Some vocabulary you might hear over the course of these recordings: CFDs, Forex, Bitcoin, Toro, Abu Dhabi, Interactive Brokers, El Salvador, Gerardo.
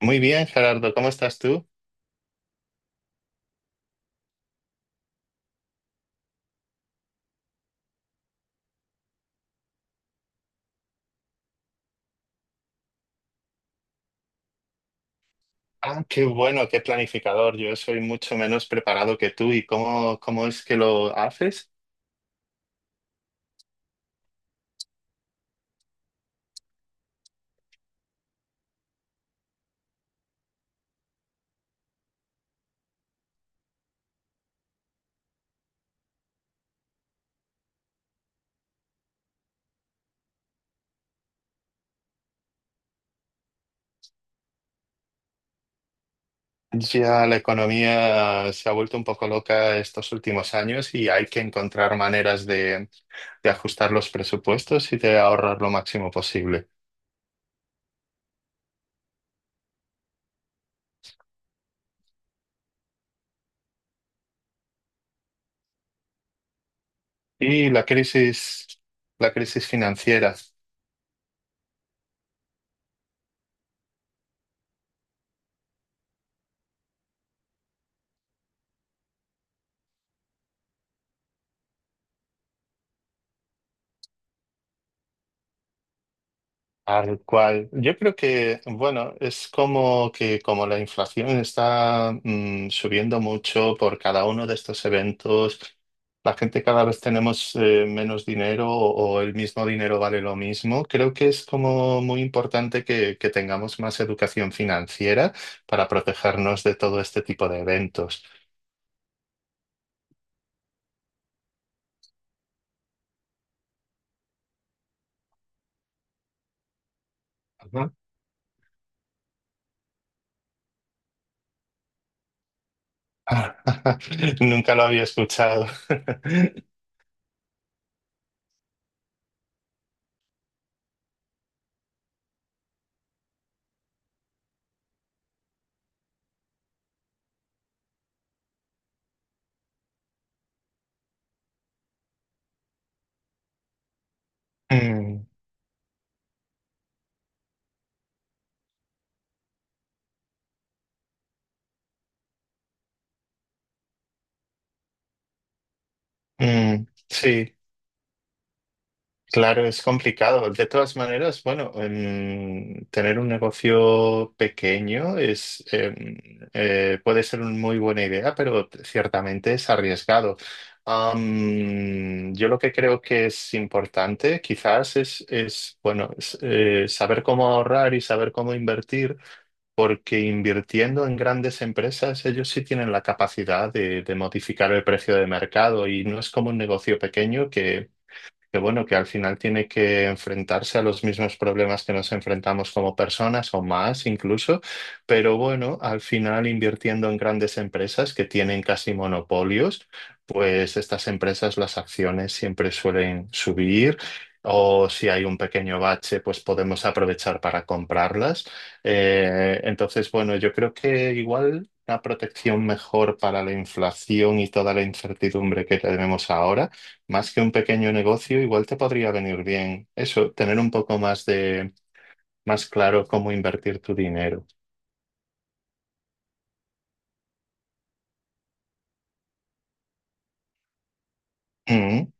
Muy bien, Gerardo, ¿cómo estás tú? Ah, qué bueno, qué planificador. Yo soy mucho menos preparado que tú. ¿Y cómo es que lo haces? Ya la economía se ha vuelto un poco loca estos últimos años y hay que encontrar maneras de ajustar los presupuestos y de ahorrar lo máximo posible. Y la crisis financiera. Tal cual. Yo creo que, bueno, es como que como la inflación está subiendo mucho por cada uno de estos eventos, la gente cada vez tenemos menos dinero o el mismo dinero vale lo mismo. Creo que es como muy importante que tengamos más educación financiera para protegernos de todo este tipo de eventos. Ajá. Nunca lo había escuchado. Mm, mm, sí. Claro, es complicado. De todas maneras, bueno, tener un negocio pequeño es, puede ser una muy buena idea, pero ciertamente es arriesgado. Yo lo que creo que es importante quizás es saber cómo ahorrar y saber cómo invertir, porque invirtiendo en grandes empresas, ellos sí tienen la capacidad de modificar el precio de mercado y no es como un negocio pequeño que bueno, que al final tiene que enfrentarse a los mismos problemas que nos enfrentamos como personas o más incluso, pero bueno, al final invirtiendo en grandes empresas que tienen casi monopolios, pues estas empresas las acciones siempre suelen subir. O si hay un pequeño bache, pues podemos aprovechar para comprarlas. Entonces, bueno, yo creo que igual una protección mejor para la inflación y toda la incertidumbre que tenemos ahora más que un pequeño negocio, igual te podría venir bien eso, tener un poco más más claro cómo invertir tu dinero. Mm,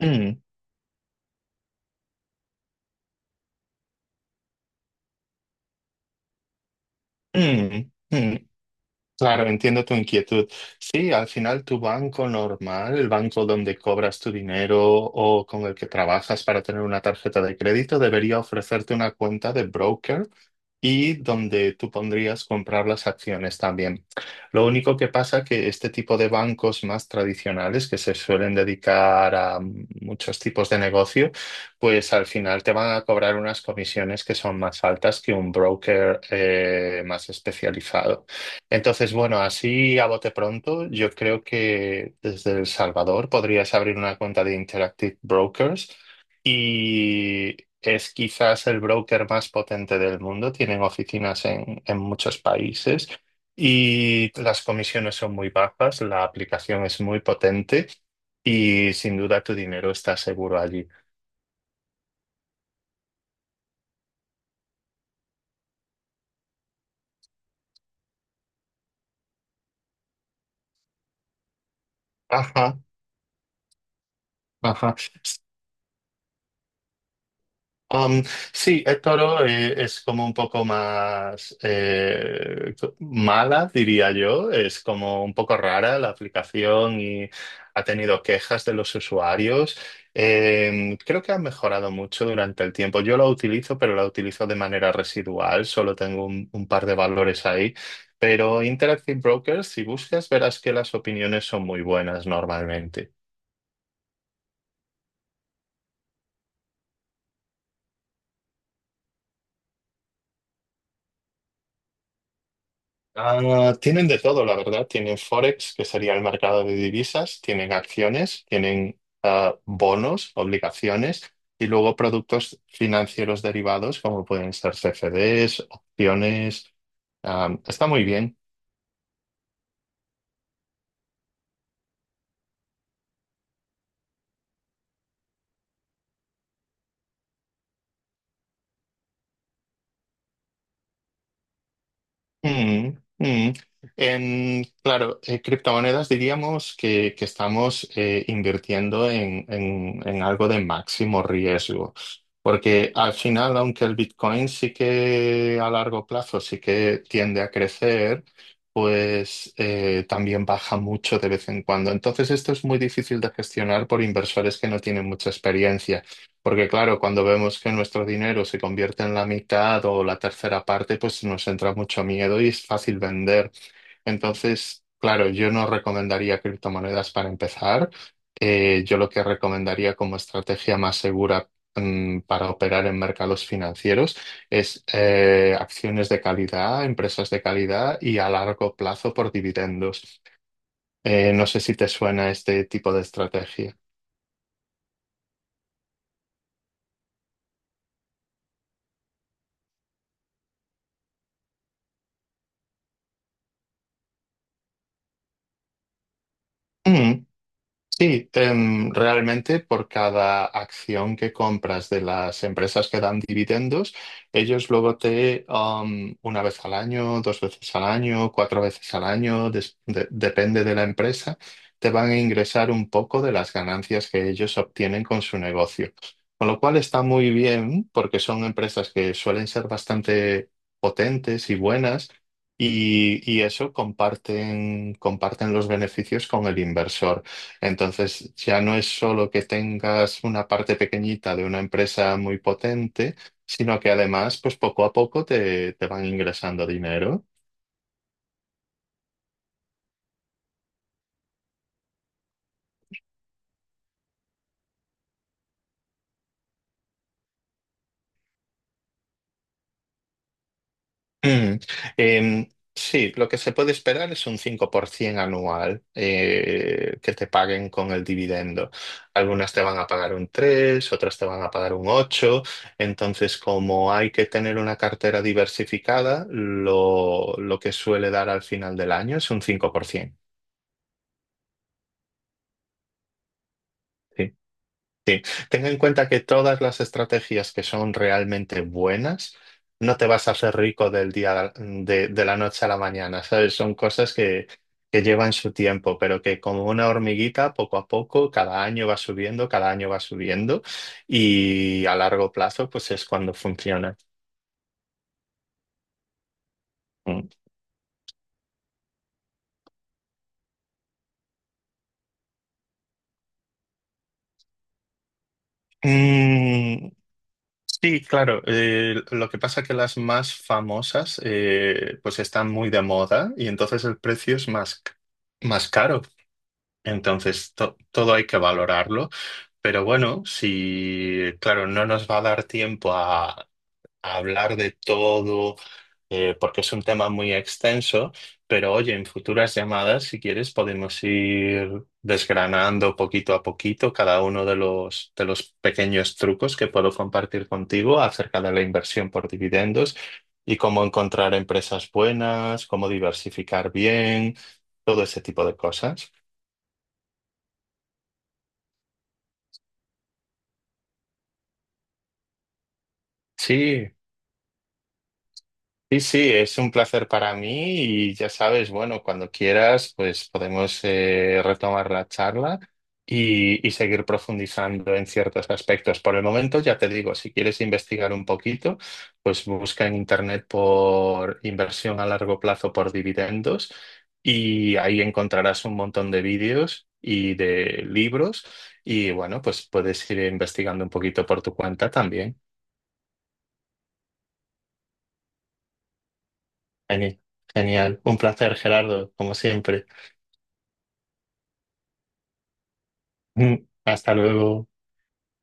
mm, mm, mm. Claro, entiendo tu inquietud. Sí, al final tu banco normal, el banco donde cobras tu dinero o con el que trabajas para tener una tarjeta de crédito, debería ofrecerte una cuenta de broker y donde tú pondrías comprar las acciones también. Lo único que pasa que este tipo de bancos más tradicionales que se suelen dedicar a muchos tipos de negocio, pues al final te van a cobrar unas comisiones que son más altas que un broker más especializado. Entonces, bueno, así a bote pronto, yo creo que desde El Salvador podrías abrir una cuenta de Interactive Brokers. Y es quizás el broker más potente del mundo, tienen oficinas en muchos países y las comisiones son muy bajas, la aplicación es muy potente y sin duda tu dinero está seguro allí. Ajá, ajá. Um, sí, Toro es como un poco más mala, diría yo. Es como un poco rara la aplicación y ha tenido quejas de los usuarios. Creo que ha mejorado mucho durante el tiempo. Yo la utilizo, pero la utilizo de manera residual. Solo tengo un par de valores ahí. Pero Interactive Brokers, si buscas, verás que las opiniones son muy buenas normalmente. Ah, tienen de todo, la verdad. Tienen Forex, que sería el mercado de divisas, tienen acciones, tienen bonos, obligaciones y luego productos financieros derivados como pueden ser CFDs, opciones. Ah, está muy bien. Mm, mm. En, claro, criptomonedas diríamos que estamos invirtiendo en algo de máximo riesgo, porque al final, aunque el Bitcoin sí que a largo plazo sí que tiende a crecer, pues también baja mucho de vez en cuando. Entonces, esto es muy difícil de gestionar por inversores que no tienen mucha experiencia. Porque claro, cuando vemos que nuestro dinero se convierte en la mitad o la tercera parte, pues nos entra mucho miedo y es fácil vender. Entonces, claro, yo no recomendaría criptomonedas para empezar. Yo lo que recomendaría como estrategia más segura, para operar en mercados financieros es acciones de calidad, empresas de calidad y a largo plazo por dividendos. No sé si te suena este tipo de estrategia. Sí, realmente por cada acción que compras de las empresas que dan dividendos, ellos luego te, una vez al año, dos veces al año, cuatro veces al año, depende de la empresa, te van a ingresar un poco de las ganancias que ellos obtienen con su negocio. Con lo cual está muy bien porque son empresas que suelen ser bastante potentes y buenas. Y eso comparten, comparten los beneficios con el inversor. Entonces, ya no es solo que tengas una parte pequeñita de una empresa muy potente, sino que además, pues poco a poco te van ingresando dinero. Mm. Em, sí, lo que se puede esperar es un 5% anual que te paguen con el dividendo. Algunas te van a pagar un 3, otras te van a pagar un 8. Entonces, como hay que tener una cartera diversificada, lo que suele dar al final del año es un 5%. Ten en cuenta que todas las estrategias que son realmente buenas, no te vas a hacer rico del día de la noche a la mañana, ¿sabes? Son cosas que llevan su tiempo, pero que como una hormiguita, poco a poco, cada año va subiendo, cada año va subiendo y a largo plazo, pues es cuando funciona. Mm. Mm, sí, claro. Lo que pasa es que las más famosas pues están muy de moda y entonces el precio es más caro. Entonces, todo hay que valorarlo, pero bueno, si, claro, no nos va a dar tiempo a hablar de todo, porque es un tema muy extenso, pero oye, en futuras llamadas, si quieres, podemos ir desgranando poquito a poquito cada uno de los pequeños trucos que puedo compartir contigo acerca de la inversión por dividendos y cómo encontrar empresas buenas, cómo diversificar bien, todo ese tipo de cosas. Sí, sí, sí, es un placer para mí y ya sabes, bueno, cuando quieras, pues podemos retomar la charla y seguir profundizando en ciertos aspectos. Por el momento, ya te digo, si quieres investigar un poquito, pues busca en internet por inversión a largo plazo por dividendos y ahí encontrarás un montón de vídeos y de libros y bueno, pues puedes ir investigando un poquito por tu cuenta también. Geni- Genial, un placer, Gerardo, como siempre. Mm, hasta luego.